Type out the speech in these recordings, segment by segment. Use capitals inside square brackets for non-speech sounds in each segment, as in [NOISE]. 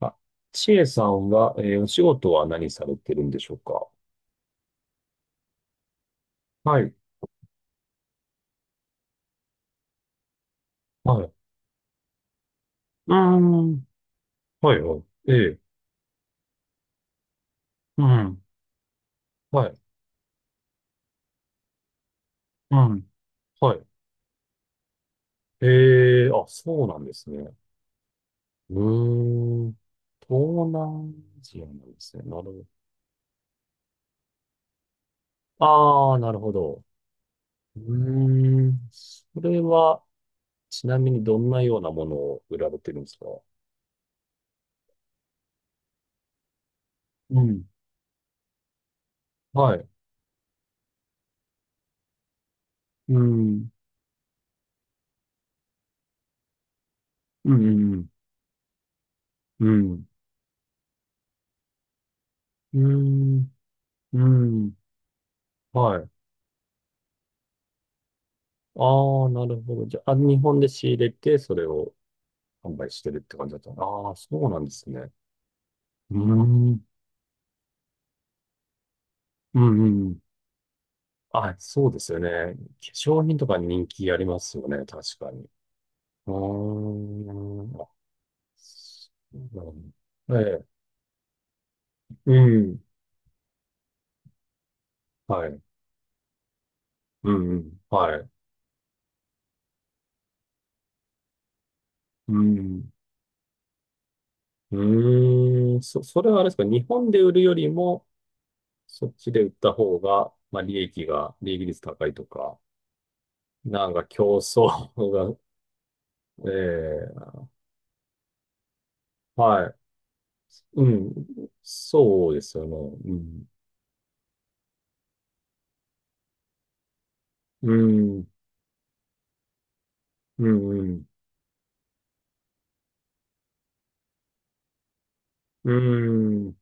あ、ちえさんは、お仕事は何されてるんでしょうか？はい。はい。うーん。はい、はい。ええ。うん。はい。うん。はい。ええ、あ、そうなんですね。うーん。東南アジアなんですね。なるほど。ああ、なるほど。うーん。それは、ちなみにどんなようなものを売られてるんですか？うん。はい。うん。うん。うん。うん。うん。うん。うんはい。ああ、なるほど。じゃあ、日本で仕入れて、それを販売してるって感じだったの。ああ、そうなんですね。うーん。うんうん。あ、そうですよね。化粧品とか人気ありますよね。確かに。うーん。あ、そうなの？ええ。うん。はい。うんうん。はい。うん。うーん。それはあれですか？日本で売るよりも、そっちで売った方が、まあ、利益率高いとか。なんか競争が。ええ、はい。うん。そうですよね。うん。うん。うん。うん。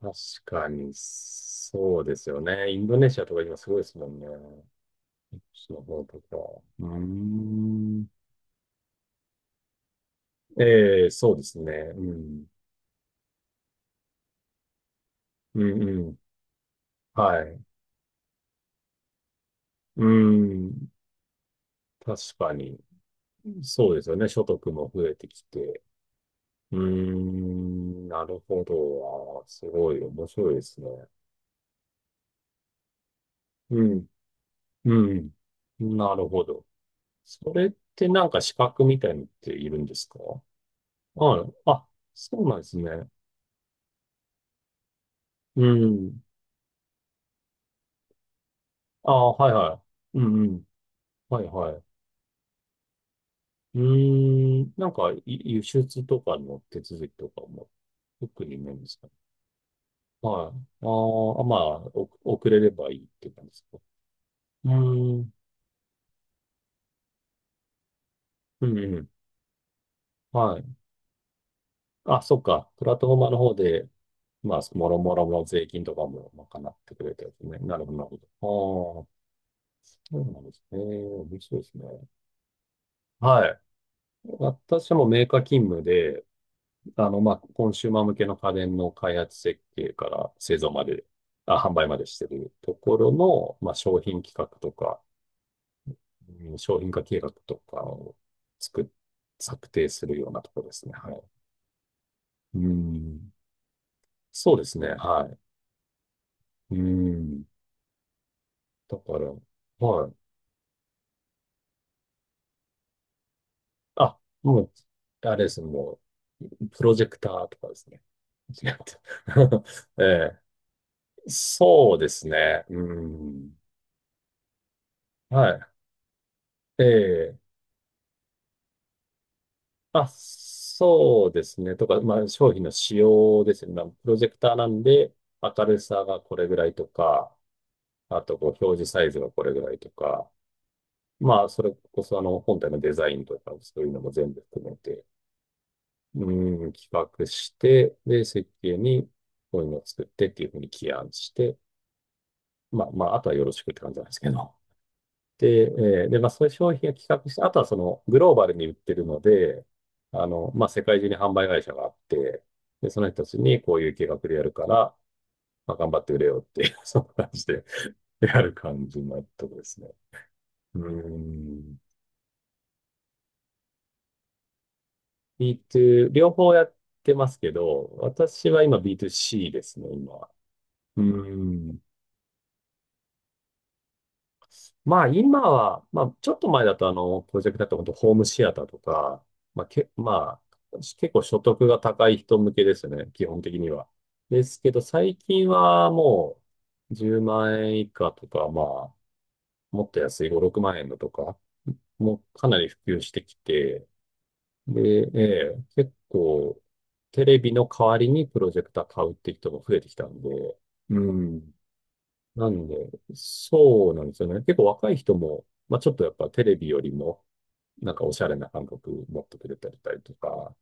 確かに、そうですよね。インドネシアとか今すごいですもんね。こっちの方とか。うん。ええ、そうですね。うん。うん。うん。はい。うん。確かに、そうですよね。所得も増えてきて。うーん。なるほど。あー、すごい面白いですね。うん。うん。なるほど。それってなんか資格みたいのっているんですか？はい。あ、そうなんですね。うん。ああ、はいはい。うんうん。はいはい。うーん。なんか、輸出とかの手続きとかも、特にないんですか？はい。あーあ、まあ、お遅れればいいって感じですか？うーん。うんうん。はい。あ、そっか。プラットフォーマーの方で、まあ、もろもろの税金とかも賄ってくれたやつね。なるほど、なるほど。そうなんですね。面白いですね。はい。私もメーカー勤務で、あの、まあ、コンシューマー向けの家電の開発設計から製造まで、あ、販売までしてるところの、まあ、商品企画とか、うん、商品化計画とかを作っ、策定するようなところですね。はい。うん。そうですね。はい。うん。だから、はい。あ、もう、あれですね。もう、プロジェクターとかですね。違った。[LAUGHS] ええ、そうですね。うん。はい。ええ。あ、そうですね。とか、まあ、商品の仕様ですね。まあ、プロジェクターなんで、明るさがこれぐらいとか、あと、こう、表示サイズがこれぐらいとか、まあ、それこそ、あの、本体のデザインとか、そういうのも全部含めて、うん、企画して、で、設計に、こういうのを作ってっていうふうに起案して、まあ、まあ、あとはよろしくって感じなんですけど。で、まあ、そういう商品を企画して、あとはその、グローバルに売ってるので、あの、まあ、世界中に販売会社があって、で、その人たちにこういう計画でやるから、まあ、頑張って売れよっていう [LAUGHS] そんな感じで [LAUGHS] やる感じのとこですね。うーん。B2、両方やってますけど、私は今 B2C ですね、今。うーん。まあ今は、まあちょっと前だとあの、プロジェクトだと本当ホームシアターとか、まあけ、まあ、結構所得が高い人向けですね、基本的には。ですけど最近はもう10万円以下とか、まあ、もっと安い5、6万円のとか、もうかなり普及してきて、で、結構テレビの代わりにプロジェクター買うって人も増えてきたんで、うん。なんで、そうなんですよね。結構若い人も、まあちょっとやっぱテレビよりも、なんかおしゃれな感覚持ってくれてたりとか、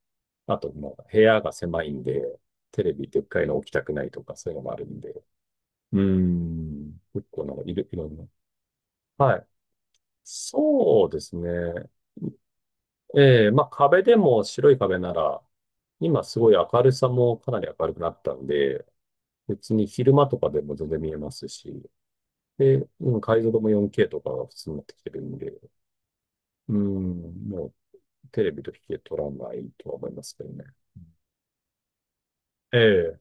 あと、まあ部屋が狭いんで、テレビでっかいの置きたくないとか、そういうのもあるんで。うーん。結構なんかいる、いろんな。はい。そうですね。ええ、まあ壁でも白い壁なら、今すごい明るさもかなり明るくなったんで、別に昼間とかでも全然見えますし、で、うん、解像度も 4K とかが普通になってきてるんで、うん、もうテレビと比較取らないとは思いますけどね。ええ、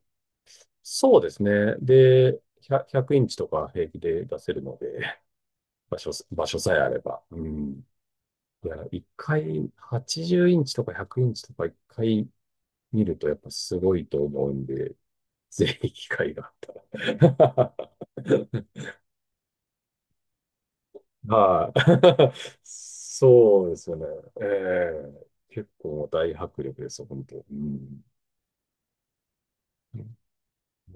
そうですね。で、100、ひゃくインチとか平気で出せるので、[LAUGHS] 場所さえあれば。うん。いや、80インチとか100インチとか一回見るとやっぱすごいと思うんで、[LAUGHS] ぜひ機会があったら。[LAUGHS] はい。[LAUGHS] そうですよね。ええ結構大迫力ですよ、本当。うん。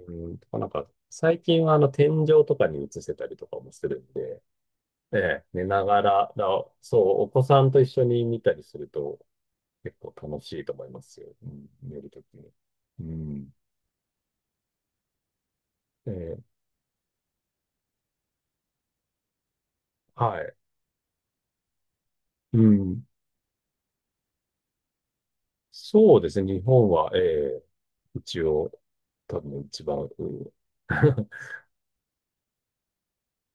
うん、とかなんか、最近はあの天井とかに映せたりとかもするんで、寝ながら、そう、お子さんと一緒に見たりすると結構楽しいと思いますよ。うん、寝るときに。うん。ええ、はい。うん。そうですね、日本は、え一応、多分一番、うん。 [LAUGHS]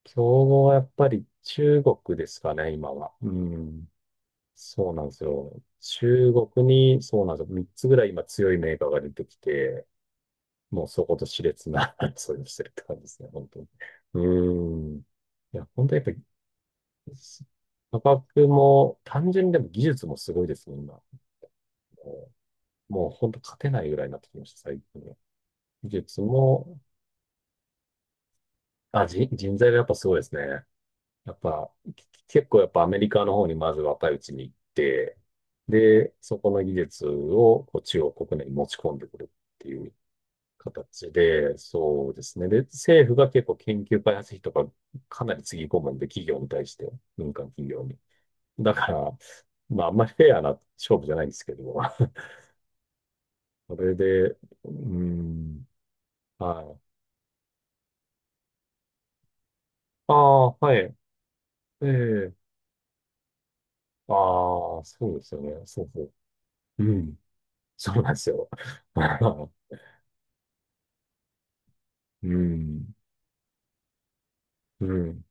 競合はやっぱり中国ですかね、今は。うん。そうなんですよ。中国に、そうなんですよ。3つぐらい今強いメーカーが出てきて、もうそこと熾烈な [LAUGHS] 争いをしてるって感じですね、本当に。うん。いや、本当やっぱり、価格も、単純にでも技術もすごいですね、今。ももう本当勝てないぐらいになってきました、最近は。技術も、あ、人材がやっぱすごいですね。やっぱ、き結構やっぱアメリカの方にまず若いうちに行って、で、そこの技術をこう中国国内に持ち込んでくるっていう形で、そうですね。で、政府が結構研究開発費とかかなりつぎ込むんで、企業に対して、民間企業に。だから、まああんまりフェアな勝負じゃないんですけど、[LAUGHS] それで、うーん、はい。ああ、はい。ええああ、そうですよね。そうそう。うん。そうなんですよ。[LAUGHS] うん。うん。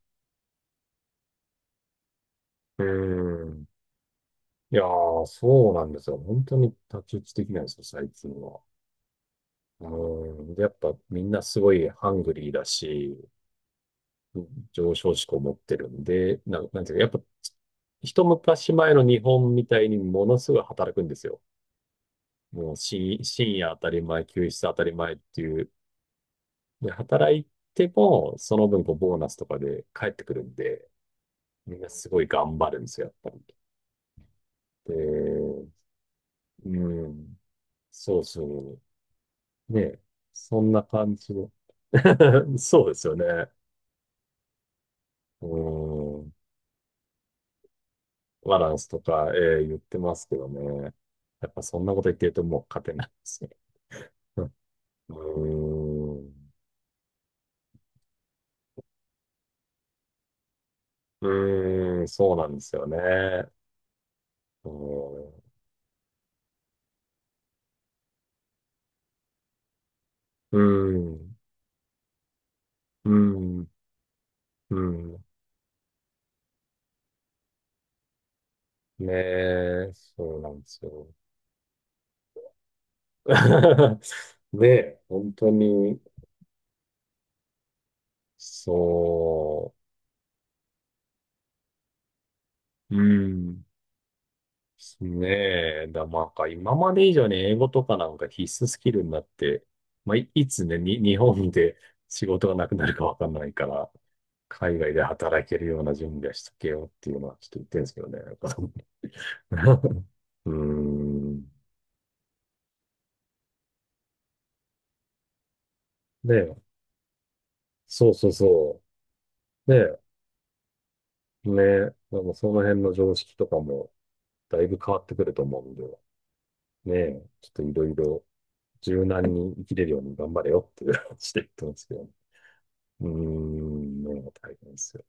うん。いやー、そうなんですよ。本当に太刀打ち的なんですよ、最近は。うん。で、やっぱみんなすごいハングリーだし、上昇志向持ってるんで、なんていうか、やっぱ一昔前の日本みたいにものすごい働くんですよ。もう深夜当たり前、休日当たり前っていう。で、働いても、その分こうボーナスとかで帰ってくるんで、みんなすごい頑張るんですよ、やっぱり。で、うん。そうそう。ね。そんな感じの。[LAUGHS] そうですよね。うーん。バランスとか、言ってますけどね。やっぱそんなこと言ってるともう勝てないですね。[LAUGHS] うん。うーん。うーん、そうなんですよね。うーん。うーん。うーん。うん、ねえ、そうなんですよ。[LAUGHS] ねえ、本当に、そう。うん。ねえ、まあか今まで以上に英語とかなんか必須スキルになって、まあ、いつね、日本で仕事がなくなるかわかんないから、海外で働けるような準備はしとけよっていうのはちょっと言ってるんですけどね。なんか。 [LAUGHS] うーん。ね、そうそうそう。ねね、でもその辺の常識とかもだいぶ変わってくると思うんで、ね、ちょっといろいろ柔軟に生きれるように頑張れよっていう話で言ってますけどね。うーん、もう大変ですよね。